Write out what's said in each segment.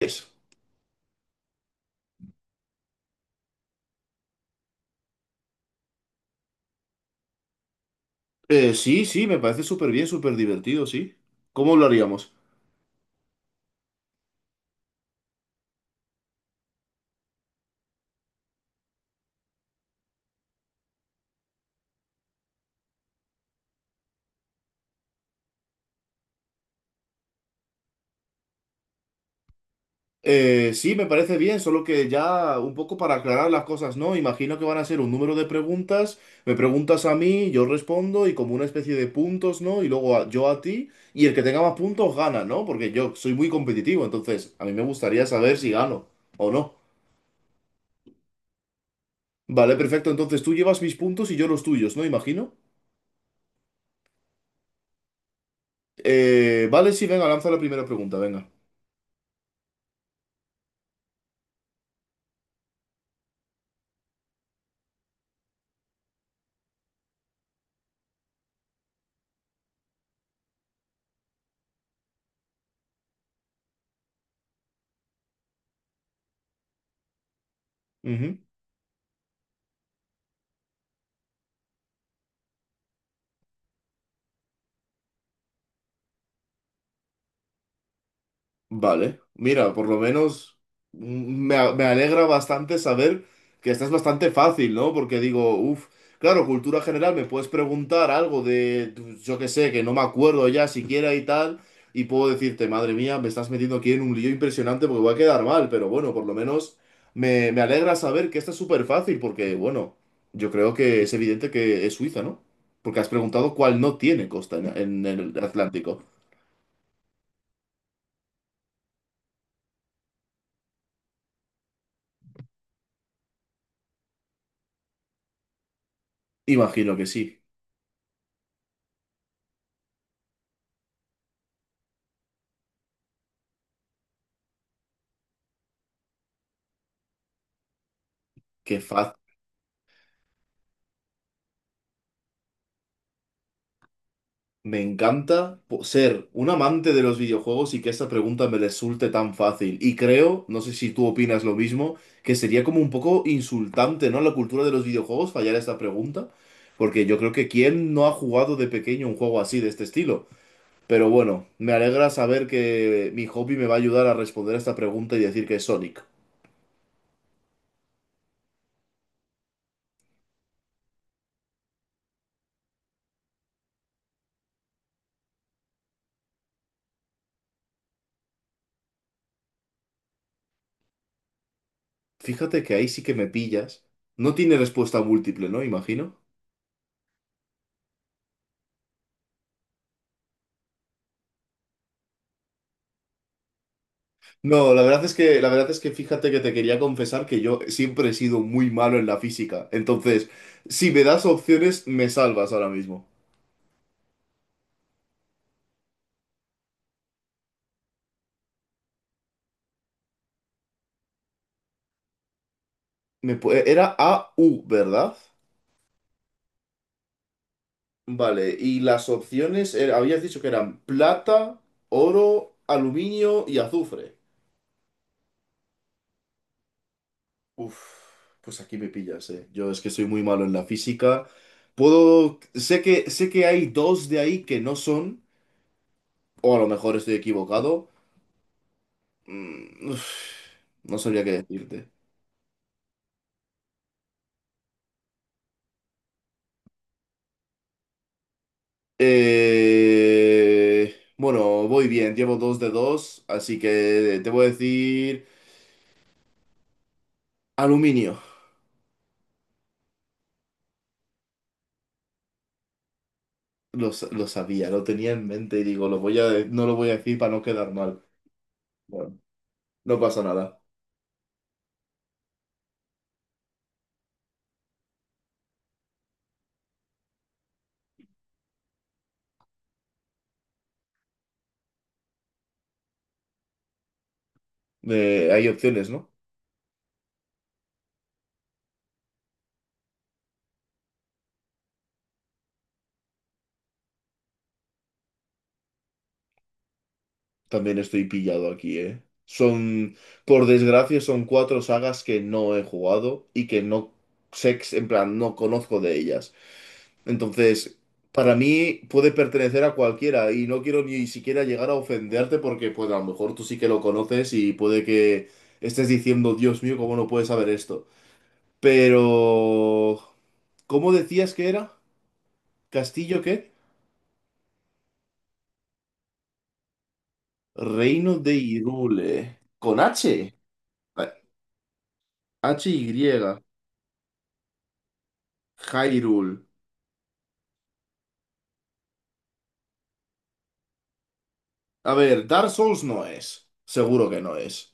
Es. Sí, me parece súper bien, súper divertido, sí. ¿Cómo lo haríamos? Sí, me parece bien, solo que ya un poco para aclarar las cosas, ¿no? Imagino que van a ser un número de preguntas, me preguntas a mí, yo respondo y como una especie de puntos, ¿no? Y luego yo a ti, y el que tenga más puntos gana, ¿no? Porque yo soy muy competitivo, entonces a mí me gustaría saber si gano o no. Vale, perfecto, entonces tú llevas mis puntos y yo los tuyos, ¿no? Imagino. Vale, sí, venga, lanza la primera pregunta, venga. Ujú. Vale, mira, por lo menos me alegra bastante saber que estás bastante fácil, ¿no? Porque digo, uff, claro, cultura general, me puedes preguntar algo de, pues, yo qué sé, que no me acuerdo ya siquiera y tal, y puedo decirte, madre mía, me estás metiendo aquí en un lío impresionante porque voy a quedar mal, pero bueno, por lo menos me alegra saber que esta es súper fácil porque, bueno, yo creo que es evidente que es Suiza, ¿no? Porque has preguntado cuál no tiene costa en el Atlántico. Imagino que sí. Qué fácil. Ser un amante de los videojuegos y que esta pregunta me resulte tan fácil. Y creo, no sé si tú opinas lo mismo, que sería como un poco insultante, ¿no?, a la cultura de los videojuegos fallar esta pregunta, porque yo creo que quién no ha jugado de pequeño un juego así de este estilo. Pero bueno, me alegra saber que mi hobby me va a ayudar a responder a esta pregunta y decir que es Sonic. Fíjate que ahí sí que me pillas. No tiene respuesta múltiple, ¿no? Imagino. No, la verdad es que fíjate que te quería confesar que yo siempre he sido muy malo en la física. Entonces, si me das opciones, me salvas ahora mismo. Era AU, ¿verdad? Vale, y las opciones, habías dicho que eran plata, oro, aluminio y azufre. Uf, pues aquí me pillas, eh. Yo es que soy muy malo en la física. Sé que hay dos de ahí que no son, o a lo mejor estoy equivocado. Mm, uf, no sabría qué decirte. Bueno, voy bien, llevo dos de dos, así que te voy a decir aluminio. Lo sabía, lo tenía en mente y digo, lo voy a, de- no lo voy a decir para no quedar mal. Bueno, no pasa nada. Hay opciones, ¿no? También estoy pillado aquí, ¿eh? Son, por desgracia, son cuatro sagas que no he jugado y que no sé, ex- en plan, no conozco de ellas. Entonces, para mí puede pertenecer a cualquiera y no quiero ni siquiera llegar a ofenderte porque pues a lo mejor tú sí que lo conoces y puede que estés diciendo, Dios mío, ¿cómo no puedes saber esto? Pero... ¿Cómo decías que era? ¿Castillo qué? Reino de Hyrule. Con H. H-Y. Hyrule. A ver, Dark Souls no es. Seguro que no es.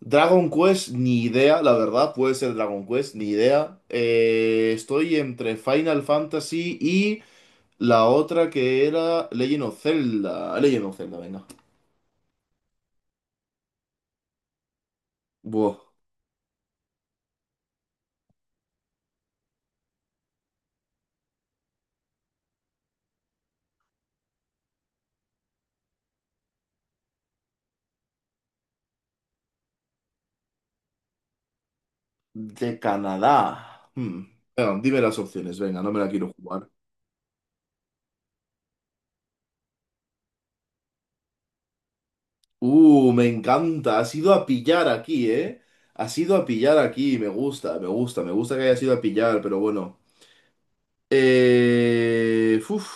Dragon Quest, ni idea, la verdad, puede ser Dragon Quest, ni idea. Estoy entre Final Fantasy y la otra que era Legend of Zelda. Legend of Zelda, venga. Buah, de Canadá. Hmm. Venga, dime las opciones, venga, no me la quiero jugar. Me encanta, has ido a pillar aquí, ¿eh? Has ido a pillar aquí, me gusta que hayas ido a pillar, pero bueno. Uf.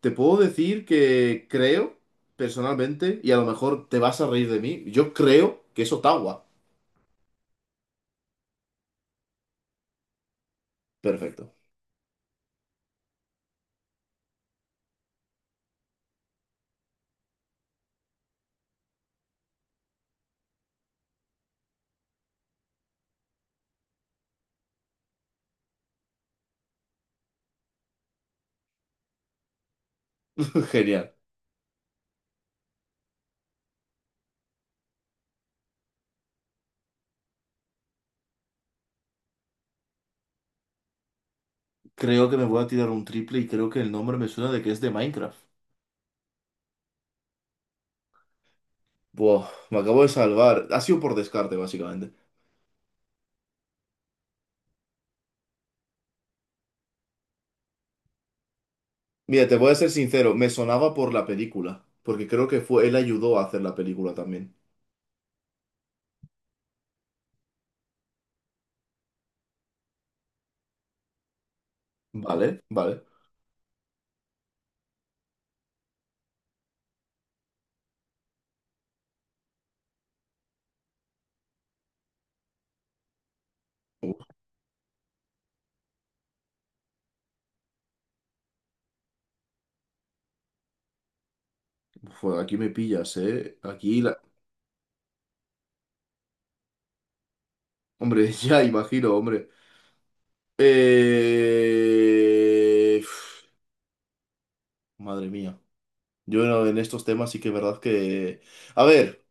Te puedo decir que creo, personalmente, y a lo mejor te vas a reír de mí, yo creo que es Ottawa. Perfecto. Genial. Creo que me voy a tirar un triple y creo que el nombre me suena de que es de Minecraft. Buah, me acabo de salvar. Ha sido por descarte, básicamente. Mira, te voy a ser sincero, me sonaba por la película, porque creo que fue, él ayudó a hacer la película también. Vale, vale. Uf, aquí me pillas, ¿eh? Aquí la... Hombre, ya imagino, hombre. Eh... Madre mía. Yo no- En estos temas sí que es verdad que... A ver,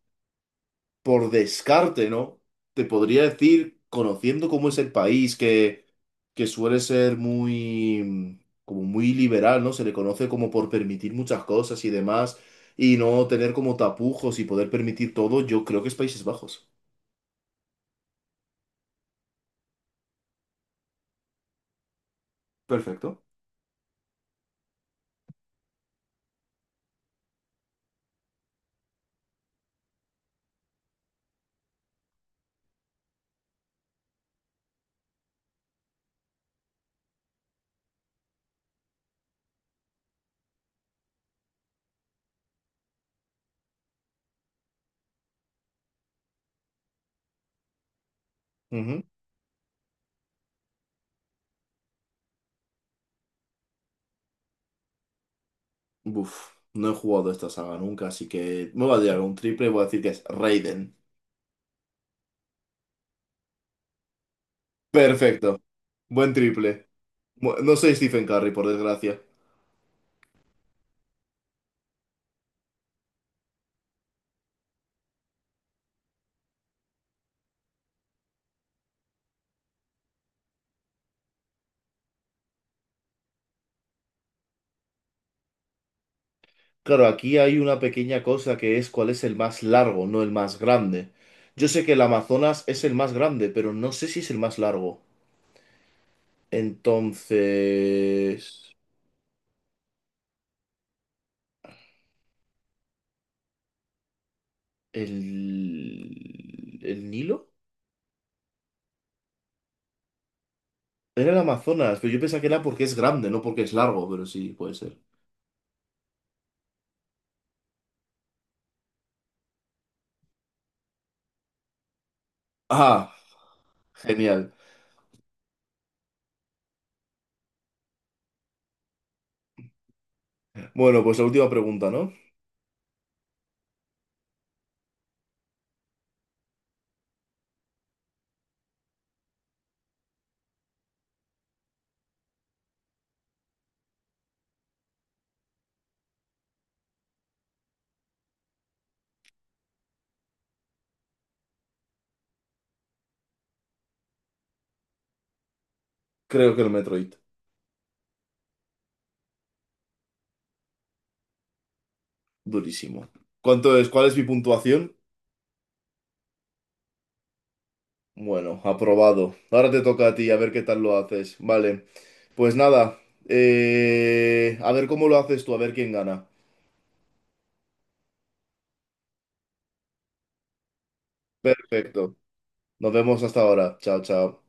por descarte, ¿no? Te podría decir, conociendo cómo es el país, que suele ser muy... como muy liberal, ¿no? Se le conoce como por permitir muchas cosas y demás, y no tener como tapujos y poder permitir todo, yo creo que es Países Bajos. Perfecto. Ujú. Uf, no he jugado esta saga nunca, así que me voy a tirar un triple y voy a decir que es Raiden. Perfecto. Buen triple. No soy Stephen Curry, por desgracia. Claro, aquí hay una pequeña cosa que es cuál es el más largo, no el más grande. Yo sé que el Amazonas es el más grande, pero no sé si es el más largo. Entonces, ¿el Nilo? Era el Amazonas, pero yo pensaba que era porque es grande, no porque es largo, pero sí, puede ser. Ah, genial. Bueno, pues la última pregunta, ¿no? Creo que el Metroid. Durísimo. ¿Cuánto es? ¿Cuál es mi puntuación? Bueno, aprobado. Ahora te toca a ti, a ver qué tal lo haces. Vale. Pues nada. A ver cómo lo haces tú, a ver quién gana. Perfecto. Nos vemos hasta ahora. Chao, chao.